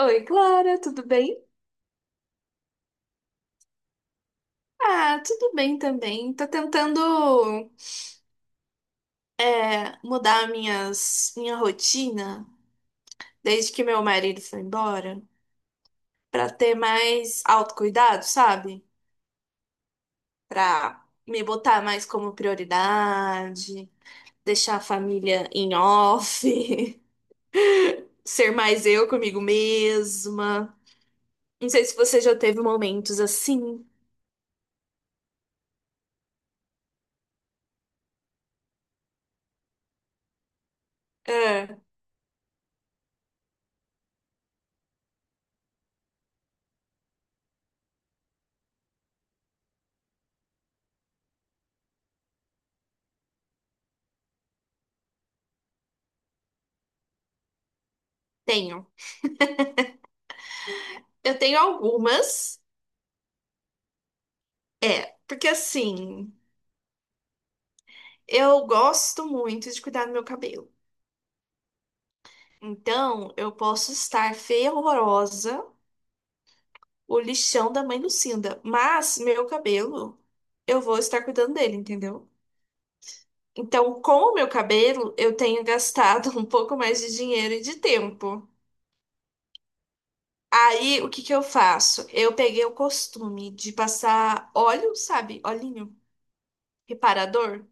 Oi, Clara, tudo bem? Ah, tudo bem também. Tô tentando mudar minha rotina desde que meu marido foi embora pra ter mais autocuidado, sabe? Pra me botar mais como prioridade, deixar a família em off, ser mais eu comigo mesma. Não sei se você já teve momentos assim. É, tenho. Eu tenho algumas. É, porque assim. Eu gosto muito de cuidar do meu cabelo. Então, eu posso estar feia, horrorosa, o lixão da mãe Lucinda, mas meu cabelo, eu vou estar cuidando dele, entendeu? Então, com o meu cabelo, eu tenho gastado um pouco mais de dinheiro e de tempo. Aí, o que que eu faço? Eu peguei o costume de passar óleo, sabe? Olhinho reparador.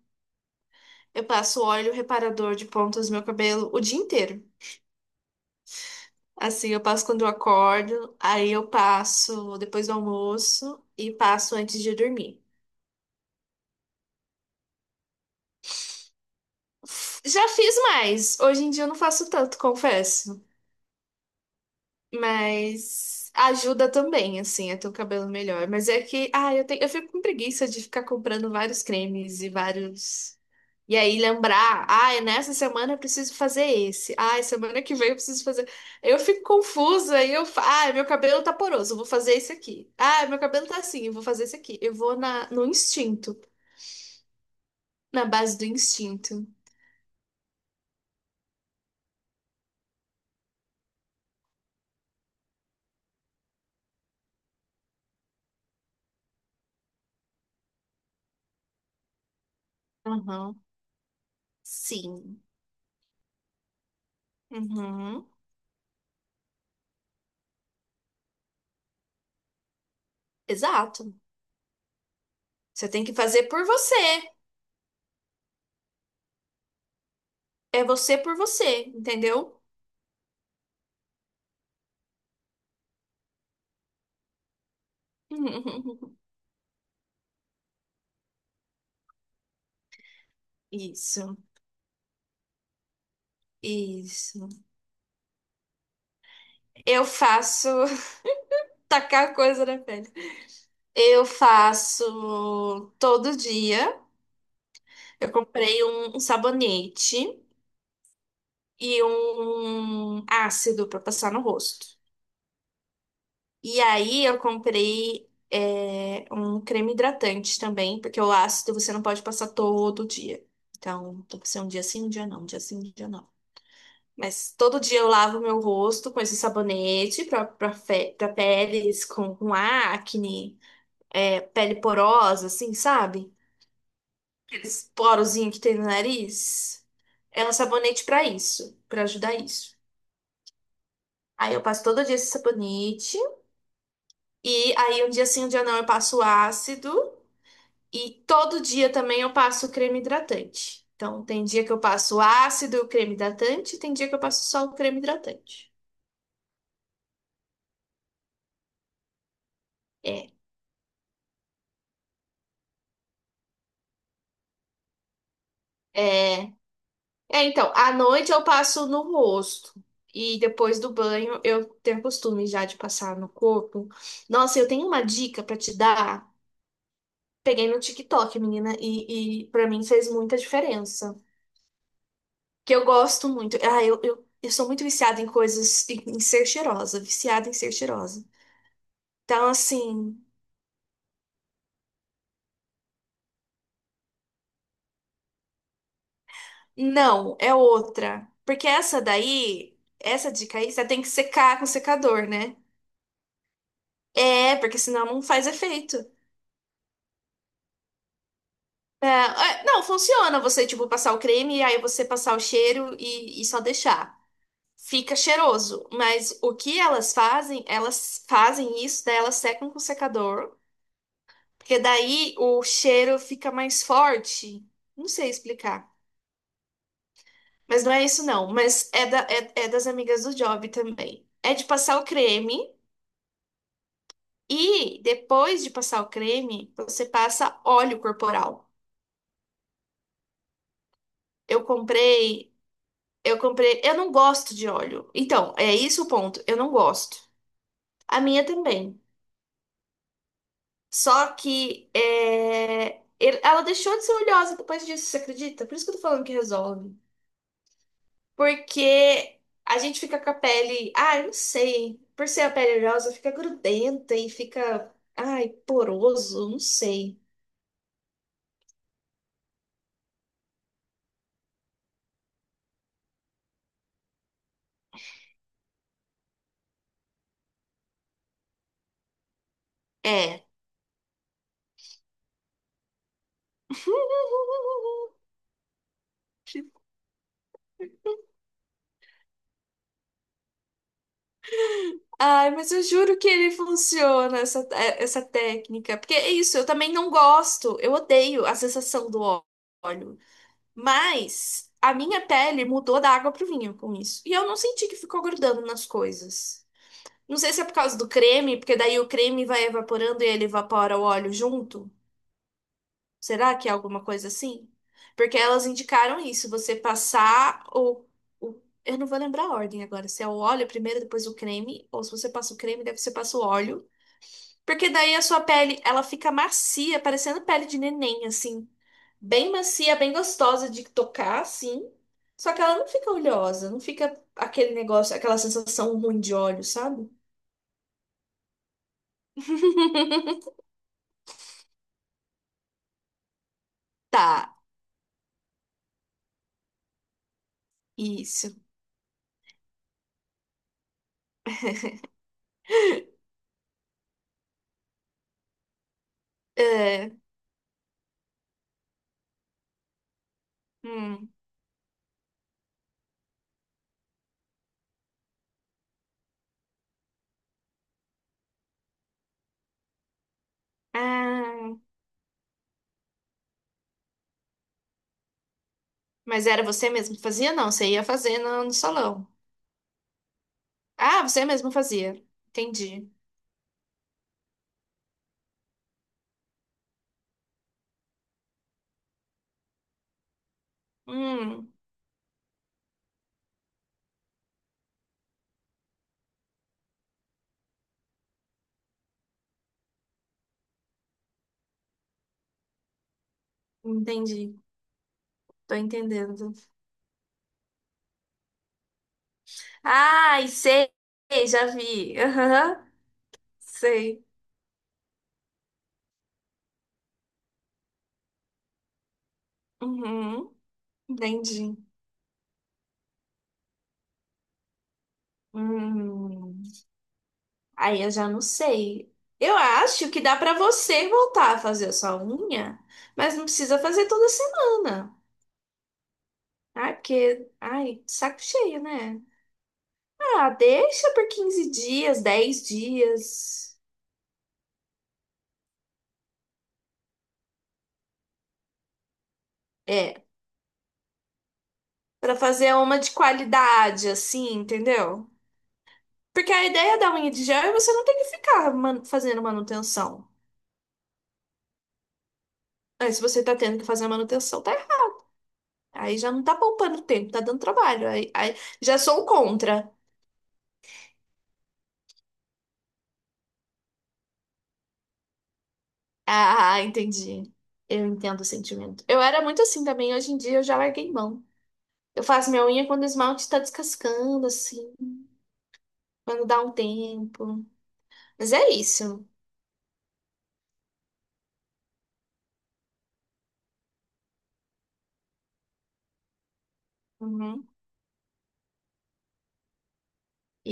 Eu passo óleo reparador de pontas no meu cabelo o dia inteiro. Assim, eu passo quando eu acordo, aí eu passo depois do almoço e passo antes de dormir. Já fiz mais, hoje em dia eu não faço tanto, confesso. Mas ajuda também, assim, a ter o cabelo melhor. Mas é que, eu tenho, eu fico com preguiça de ficar comprando vários cremes e vários. E aí lembrar, ah, nessa semana eu preciso fazer esse. Ah, semana que vem eu preciso fazer. Eu fico confusa e meu cabelo tá poroso, eu vou fazer esse aqui. Ah, meu cabelo tá assim, eu vou fazer esse aqui. Eu vou na no instinto, na base do instinto. Aham. Sim. Uhum. Exato. Você tem que fazer por você. É você por você, entendeu? Isso. Isso. Eu faço tacar coisa na pele. Eu faço todo dia. Eu comprei um sabonete e um ácido para passar no rosto. E aí eu comprei um creme hidratante também, porque o ácido você não pode passar todo dia. Então, tem que ser um dia sim, um dia não, um dia sim, um dia não. Mas todo dia eu lavo meu rosto com esse sabonete para pele com acne. É, pele porosa, assim, sabe? Aqueles porozinhos que tem no nariz. É um sabonete pra isso, pra ajudar isso. Aí eu passo todo dia esse sabonete. E aí um dia sim, um dia não, eu passo o ácido. E todo dia também eu passo o creme hidratante. Então tem dia que eu passo o ácido, e o creme hidratante, e tem dia que eu passo só o creme hidratante. É. É. É, então, à noite eu passo no rosto. E depois do banho, eu tenho costume já de passar no corpo. Nossa, eu tenho uma dica pra te dar. Peguei no TikTok, menina, e para mim fez muita diferença. Que eu gosto muito. Ah, eu sou muito viciada em coisas, em ser cheirosa, viciada em ser cheirosa. Então, assim, não, é outra. Porque essa daí, essa dica aí, você tem que secar com secador, né? É, porque senão não faz efeito. Não, funciona você, tipo, passar o creme e aí você passar o cheiro e só deixar. Fica cheiroso, mas o que elas fazem isso, daí elas secam com secador, porque daí o cheiro fica mais forte. Não sei explicar, mas não é isso não, mas é das amigas do Job também. É de passar o creme e depois de passar o creme, você passa óleo corporal. Eu comprei Eu comprei. Eu não gosto de óleo. Então, é isso o ponto. Eu não gosto. A minha também. Só que ela deixou de ser oleosa depois disso, você acredita? Por isso que eu tô falando que resolve. Porque a gente fica com a pele. Ah, eu não sei. Por ser a pele oleosa, fica grudenta e fica. Ai, poroso. Não sei. É. Ai, mas eu juro que ele funciona, essa técnica. Porque é isso, eu também não gosto, eu odeio a sensação do óleo. Mas a minha pele mudou da água pro vinho com isso. E eu não senti que ficou grudando nas coisas. Não sei se é por causa do creme, porque daí o creme vai evaporando e ele evapora o óleo junto. Será que é alguma coisa assim? Porque elas indicaram isso, você passar o eu não vou lembrar a ordem agora, se é o óleo primeiro, depois o creme, ou se você passa o creme, deve você passa o óleo. Porque daí a sua pele, ela fica macia, parecendo pele de neném, assim. Bem macia, bem gostosa de tocar, assim. Só que ela não fica oleosa, não fica aquele negócio, aquela sensação ruim de óleo, sabe? Tá, isso. É, hum. Ah, mas era você mesmo que fazia? Não, você ia fazer no salão. Ah, você mesmo fazia. Entendi. Hum, entendi. Tô entendendo. Ai, sei, já vi. Aham, sei. Uhum, entendi. Hum, aí eu já não sei. Eu acho que dá pra você voltar a fazer a sua unha, mas não precisa fazer toda semana. Ai, porque, ai, saco cheio, né? Ah, deixa por 15 dias, 10 dias. É, pra fazer uma de qualidade, assim, entendeu? Porque a ideia da unha de gel é você não ter que ficar fazendo manutenção. Aí, se você tá tendo que fazer a manutenção, Aí já não tá poupando tempo, tá dando trabalho. Aí já sou o contra. Ah, ah, entendi. Eu entendo o sentimento. Eu era muito assim também, hoje em dia eu já larguei mão. Eu faço minha unha quando o esmalte tá descascando, assim, quando dá um tempo. Mas é isso. Uhum.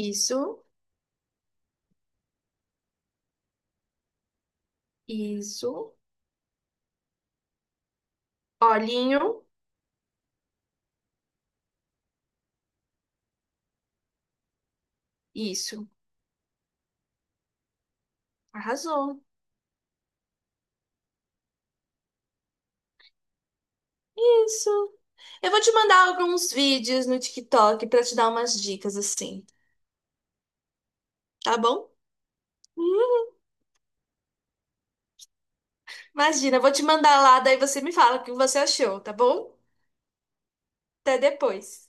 Isso, isso. Olhinho, isso. Arrasou. Isso. Eu vou te mandar alguns vídeos no TikTok pra te dar umas dicas, assim, tá bom? Imagina, eu vou te mandar lá, daí você me fala o que você achou, tá bom? Até depois.